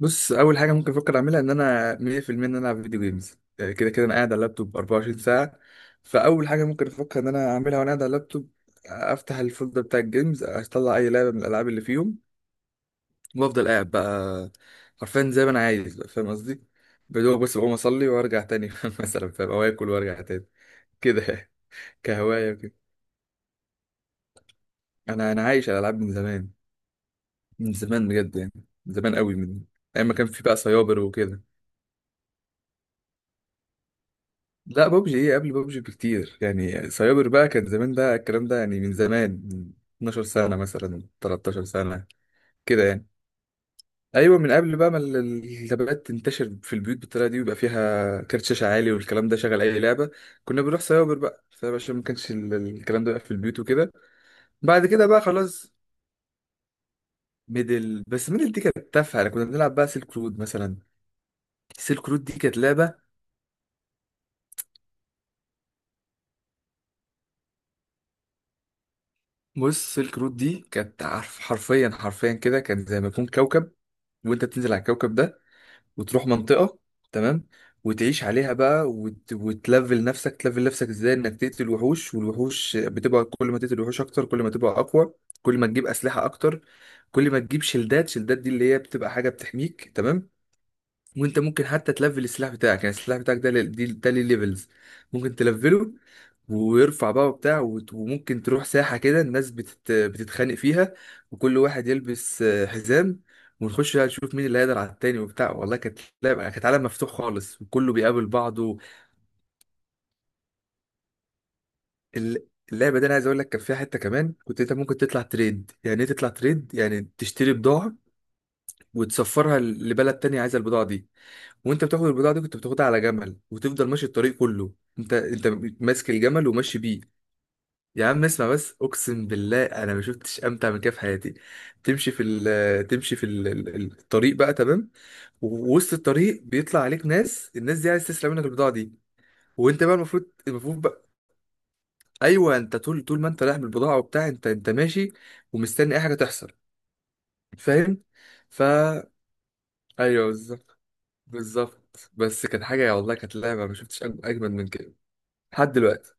بص، اول حاجه ممكن افكر اعملها ان انا 100% ان انا العب فيديو جيمز. كده كده انا قاعد على اللابتوب 24 ساعه. فاول حاجه ممكن افكر ان انا اعملها وانا قاعد على اللابتوب، افتح الفولدر بتاع الجيمز، اطلع اي لعبه من الالعاب اللي فيهم وافضل قاعد بقى. حرفيا زي ما انا عايز بقى، فاهم قصدي؟ بدوق بس بقوم اصلي وارجع تاني مثلا، فاهم، او اكل وارجع تاني، كده. كهوايه كده، انا عايش على الالعاب من زمان. من زمان بجد يعني. من زمان قوي، من ايام ما كان في بقى سايبر وكده. لا، ببجي ايه؟ قبل ببجي بكتير يعني. سايبر بقى كان زمان بقى الكلام ده يعني، من زمان، من 12 سنة مثلا، 13 سنة كده يعني. ايوه، من قبل بقى ما اللابات تنتشر في البيوت بالطريقة دي ويبقى فيها كارت شاشة عالي والكلام ده شغل اي لعبة. كنا بنروح سايبر بقى، سايبر عشان ما كانش الكلام ده بقى في البيوت وكده. بعد كده بقى خلاص. ميدل، بس ميدل دي كانت تافهة يعني، كنا بنلعب بقى سيلك رود مثلا. سيلك رود دي كانت لعبة. بص، سيلك رود دي كانت، عارف، حرفيا حرفيا كده، كانت زي ما يكون كوكب وانت بتنزل على الكوكب ده وتروح منطقة، تمام، وتعيش عليها بقى وتلفل نفسك. تلفل نفسك ازاي؟ انك تقتل وحوش، والوحوش بتبقى كل ما تقتل وحوش اكتر كل ما تبقى اقوى، كل ما تجيب اسلحة اكتر، كل ما تجيب شلدات. شلدات دي اللي هي بتبقى حاجة بتحميك، تمام. وانت ممكن حتى تلفل السلاح بتاعك، يعني السلاح بتاعك ده ليه ليفلز، ممكن تلفله ويرفع بقى وبتاع، وممكن تروح ساحة كده الناس بتتخانق فيها، وكل واحد يلبس حزام، ونخش بقى نشوف مين اللي هيقدر على التاني وبتاع. والله كانت لعبة، كانت عالم مفتوح خالص وكله بيقابل بعضه. ال- اللعبة دي انا عايز اقول لك كان فيها حتة كمان، كنت انت ممكن تطلع تريد، يعني ايه تطلع تريد؟ يعني تشتري بضاعة وتسفرها لبلد تانية عايزة البضاعة دي، وانت بتاخد البضاعه دي كنت بتاخدها على جمل وتفضل ماشي الطريق كله، انت ماسك الجمل وماشي بيه. يا عم اسمع بس، اقسم بالله انا ما شفتش امتع من كده في حياتي. تمشي في الطريق بقى، تمام، ووسط الطريق بيطلع عليك ناس. الناس دي عايز تسرق منك البضاعه دي، وانت بقى المفروض، بقى، ايوه، انت طول، ما انت رايح بالبضاعه وبتاع انت ماشي ومستني اي حاجه تحصل. فاهم؟ فا ايوه، بالظبط. بالظبط. بس كانت حاجه، والله كانت لعبه ما شفتش اجمد من كده لحد دلوقتي.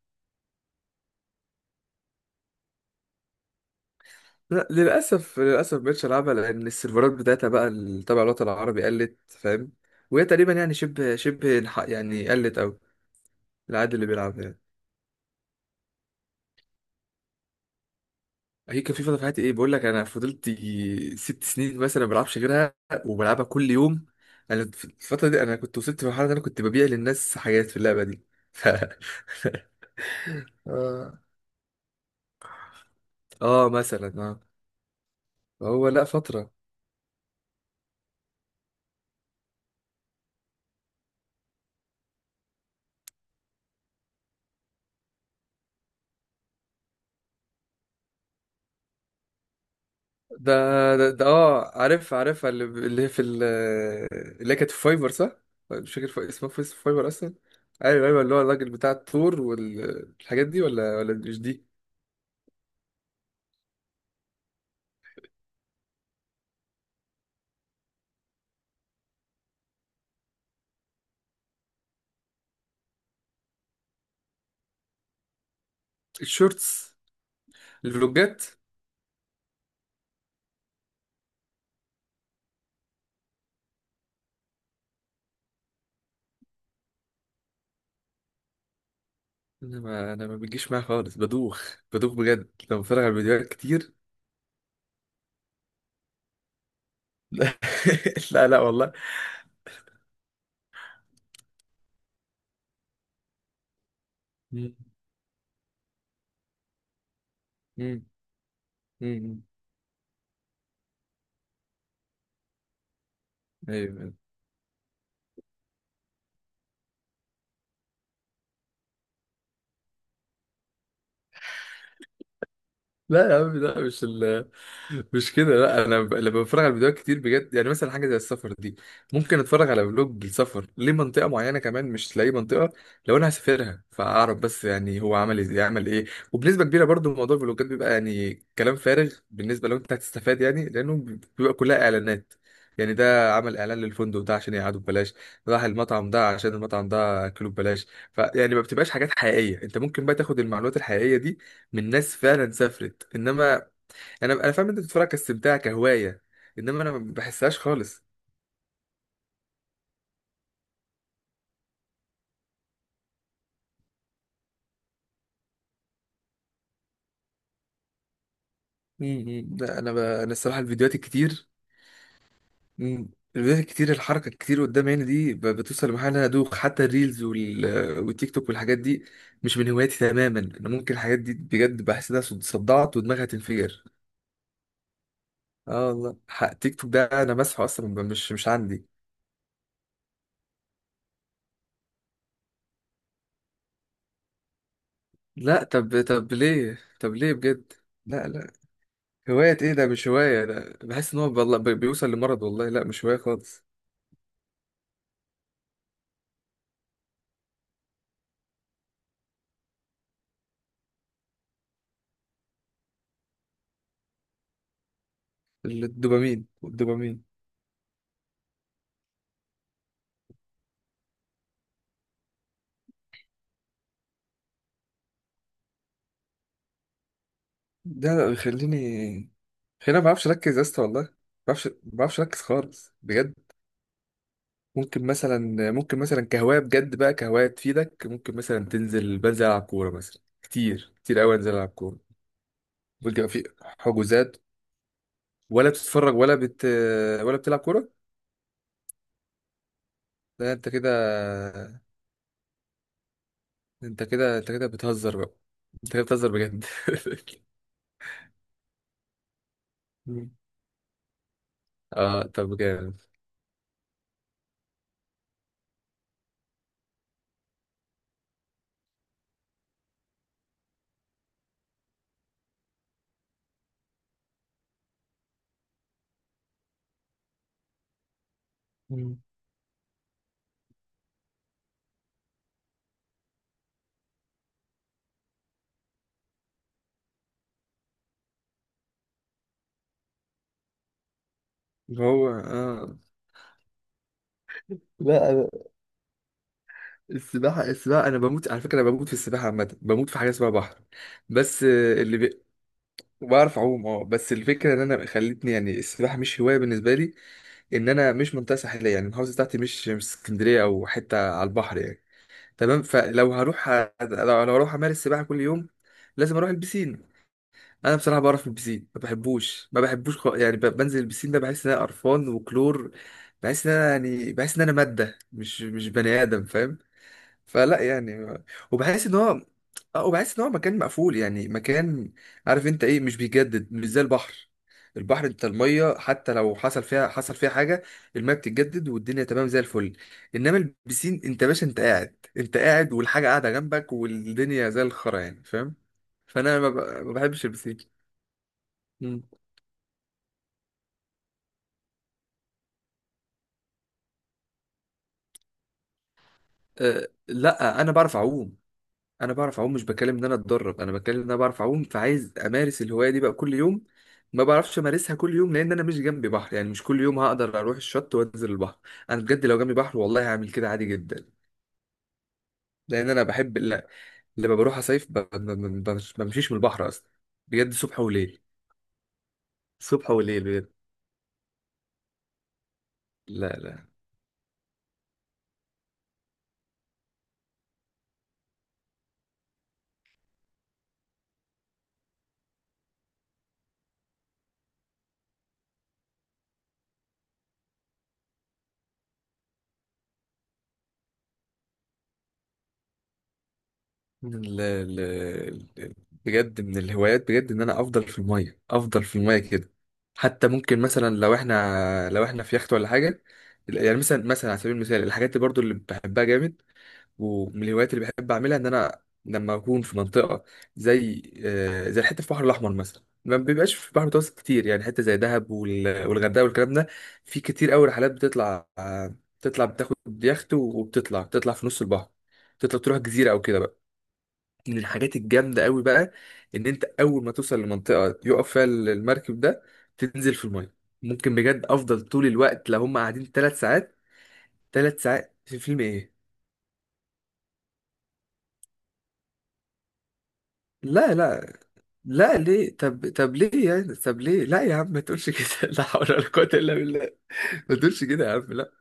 لا، للاسف، للاسف مبقتش العبها لان السيرفرات بتاعتها بقى اللي تبع الوطن العربي قلت، فاهم؟ وهي تقريبا يعني شبه شبه يعني قلت او العدد اللي بيلعبها يعني. هي كان في فتره في حياتي، ايه بقول لك، انا فضلت يجي 6 سنين مثلا ما بلعبش غيرها وبلعبها كل يوم. انا في الفتره دي، انا كنت وصلت لمرحله ان انا كنت ببيع للناس حاجات في اللعبه دي ف... آه. اه، مثلا، اه. هو لا، فتره. ده، اه، عارف، عارفها، اللي هي في اللي هي كانت في فايبر، صح؟ مش فاكر اسمها في فايبر اصلا. ايوه ايوه، اللي هو الراجل بتاع التور والحاجات دي، ولا مش دي؟ الشورتس. الفلوجات. انا ما انا، ما بتجيش معايا خالص، بدوخ، بدوخ بجد لما بتفرج على فيديوهات كتير. لا. لا لا والله. مم. مم. مم. ايوه. لا يا عم، لا، مش كده. لا انا لما بتفرج على فيديوهات كتير بجد، يعني مثلا حاجه زي السفر دي، ممكن اتفرج على فلوج السفر لمنطقه معينه، كمان مش لاي منطقه، لو انا هسافرها فاعرف بس يعني هو عمل ازاي، عمل ايه. وبنسبه كبيره برضو موضوع الفلوجات بيبقى يعني كلام فارغ بالنسبه لو انت هتستفاد يعني، لانه بيبقى كلها اعلانات. يعني ده عمل اعلان للفندق ده عشان يقعدوا ببلاش، راح المطعم ده عشان المطعم ده اكله ببلاش. فيعني ما بتبقاش حاجات حقيقيه انت ممكن بقى تاخد المعلومات الحقيقيه دي من ناس فعلا سافرت. انما انا، فاهم، انت بتتفرج كاستمتاع كهوايه، انما انا ما بحسهاش خالص. امم. لا انا انا الصراحه الفيديوهات الكتير، مم، الفيديوهات الكتير، الحركه الكتير قدام عيني دي بتوصل لمرحله إن انا ادوخ حتى. الريلز والتيك توك والحاجات دي مش من هواياتي تماما. انا ممكن الحاجات دي بجد بحس انها صدعت ودماغي هتنفجر. اه والله، تيك توك ده انا مسحه اصلا، مش، مش عندي. لا، طب، ليه؟ طب ليه بجد؟ لا لا. هواية ايه؟ ده مش هواية، ده بحس ان هو والله بيوصل لمرض، والله لا مش هواية خالص. الدوبامين. والدوبامين ده بيخليني، خليني ما بعرفش اركز يا اسطى، والله ما بعرفش، ما بعرفش اركز خالص بجد. ممكن مثلا، ممكن مثلا كهواية بجد بقى، كهواية تفيدك، ممكن مثلا تنزل، بنزل العب كورة مثلا كتير، كتير قوي انزل العب كورة. بيبقى في حجوزات، ولا بتتفرج ولا ولا بتلعب كورة؟ لا انت كده، انت كده، انت كده بتهزر بقى. انت كده بتهزر بجد. اه، طب جامد. مم. هو اه. لا، السباحة، السباحة، أنا بموت على فكرة، أنا بموت في السباحة، عامة بموت في حاجة اسمها بحر. بس بعرف أعوم، أه، بس الفكرة إن أنا، خلتني يعني السباحة مش هواية بالنسبة لي إن أنا مش منطقة ساحلية يعني، المحافظة بتاعتي مش، مش اسكندرية أو حتة على البحر يعني. تمام، فلو هروح لو لو هروح أمارس سباحة كل يوم لازم أروح البسين. انا بصراحه بعرف من البسين، ما بحبوش، ما بحبوش يعني، بنزل البسين ده بحس ان انا قرفان وكلور، بحس ان انا يعني، بحس ان انا ماده مش، مش بني ادم، فاهم؟ فلا يعني، وبحس ان هو، اه وبحس ان هو مكان مقفول، يعني مكان، عارف انت ايه، مش بيجدد، مش زي البحر. البحر، انت الميه حتى لو حصل فيها، حصل فيها حاجه، الميه بتتجدد والدنيا تمام زي الفل. انما البسين، انت باشا، انت قاعد، انت قاعد والحاجه قاعده جنبك والدنيا زي الخرا يعني، فاهم؟ فانا ما بحبش البسين. مم. أه لا، انا بعرف اعوم. انا بعرف اعوم، مش بتكلم ان انا اتدرب، انا بتكلم ان انا بعرف اعوم، فعايز امارس الهوايه دي بقى كل يوم، ما بعرفش امارسها كل يوم لان انا مش جنبي بحر يعني. مش كل يوم هقدر اروح الشط وانزل البحر. انا بجد لو جنبي بحر والله هعمل كده عادي جدا، لان انا بحب. لا، لما بروح اصيف ما بمشيش من البحر اصلا. بجد، صبح وليل. صبح وليل بجد. لا لا. من ال- بجد من الهوايات، بجد ان انا افضل في الميه، افضل في الميه كده. حتى ممكن مثلا، لو احنا في يخت ولا حاجه، يعني مثلا، مثلا على سبيل المثال الحاجات اللي برضو اللي بحبها جامد، ومن الهوايات اللي بحب اعملها، ان انا لما اكون في منطقه زي زي الحته في البحر الاحمر مثلا، ما بيبقاش في البحر المتوسط كتير يعني، حته زي دهب والغردقه والكلام ده، في كتير قوي رحلات بتطلع آه، بتطلع بتاخد يخت بتطلع في نص البحر، تطلع تروح جزيره او كده بقى. من الحاجات الجامدة قوي بقى ان انت اول ما توصل لمنطقة يقف فيها المركب ده، تنزل في المية. ممكن بجد افضل طول الوقت لو هم قاعدين 3 ساعات. 3 ساعات في فيلم ايه؟ لا لا. لا ليه؟ طب، طب ليه يعني؟ طب ليه؟ لا يا عم ما تقولش كده لا حول ولا قوة الا بالله. ما تقولش كده يا عم، لا.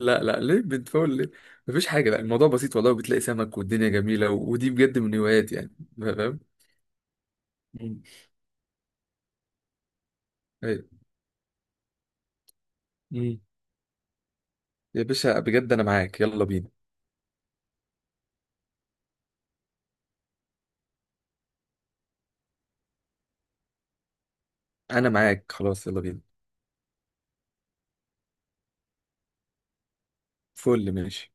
لا لا، ليه بتفول ليه؟ مفيش حاجة، لا، الموضوع بسيط والله، بتلاقي سمك والدنيا جميلة، ودي بجد من هواياتي يعني. فاهم. مم. أيوة. مم. يا باشا بجد انا معاك، يلا بينا. انا معاك خلاص، يلا بينا. فل، ماشي.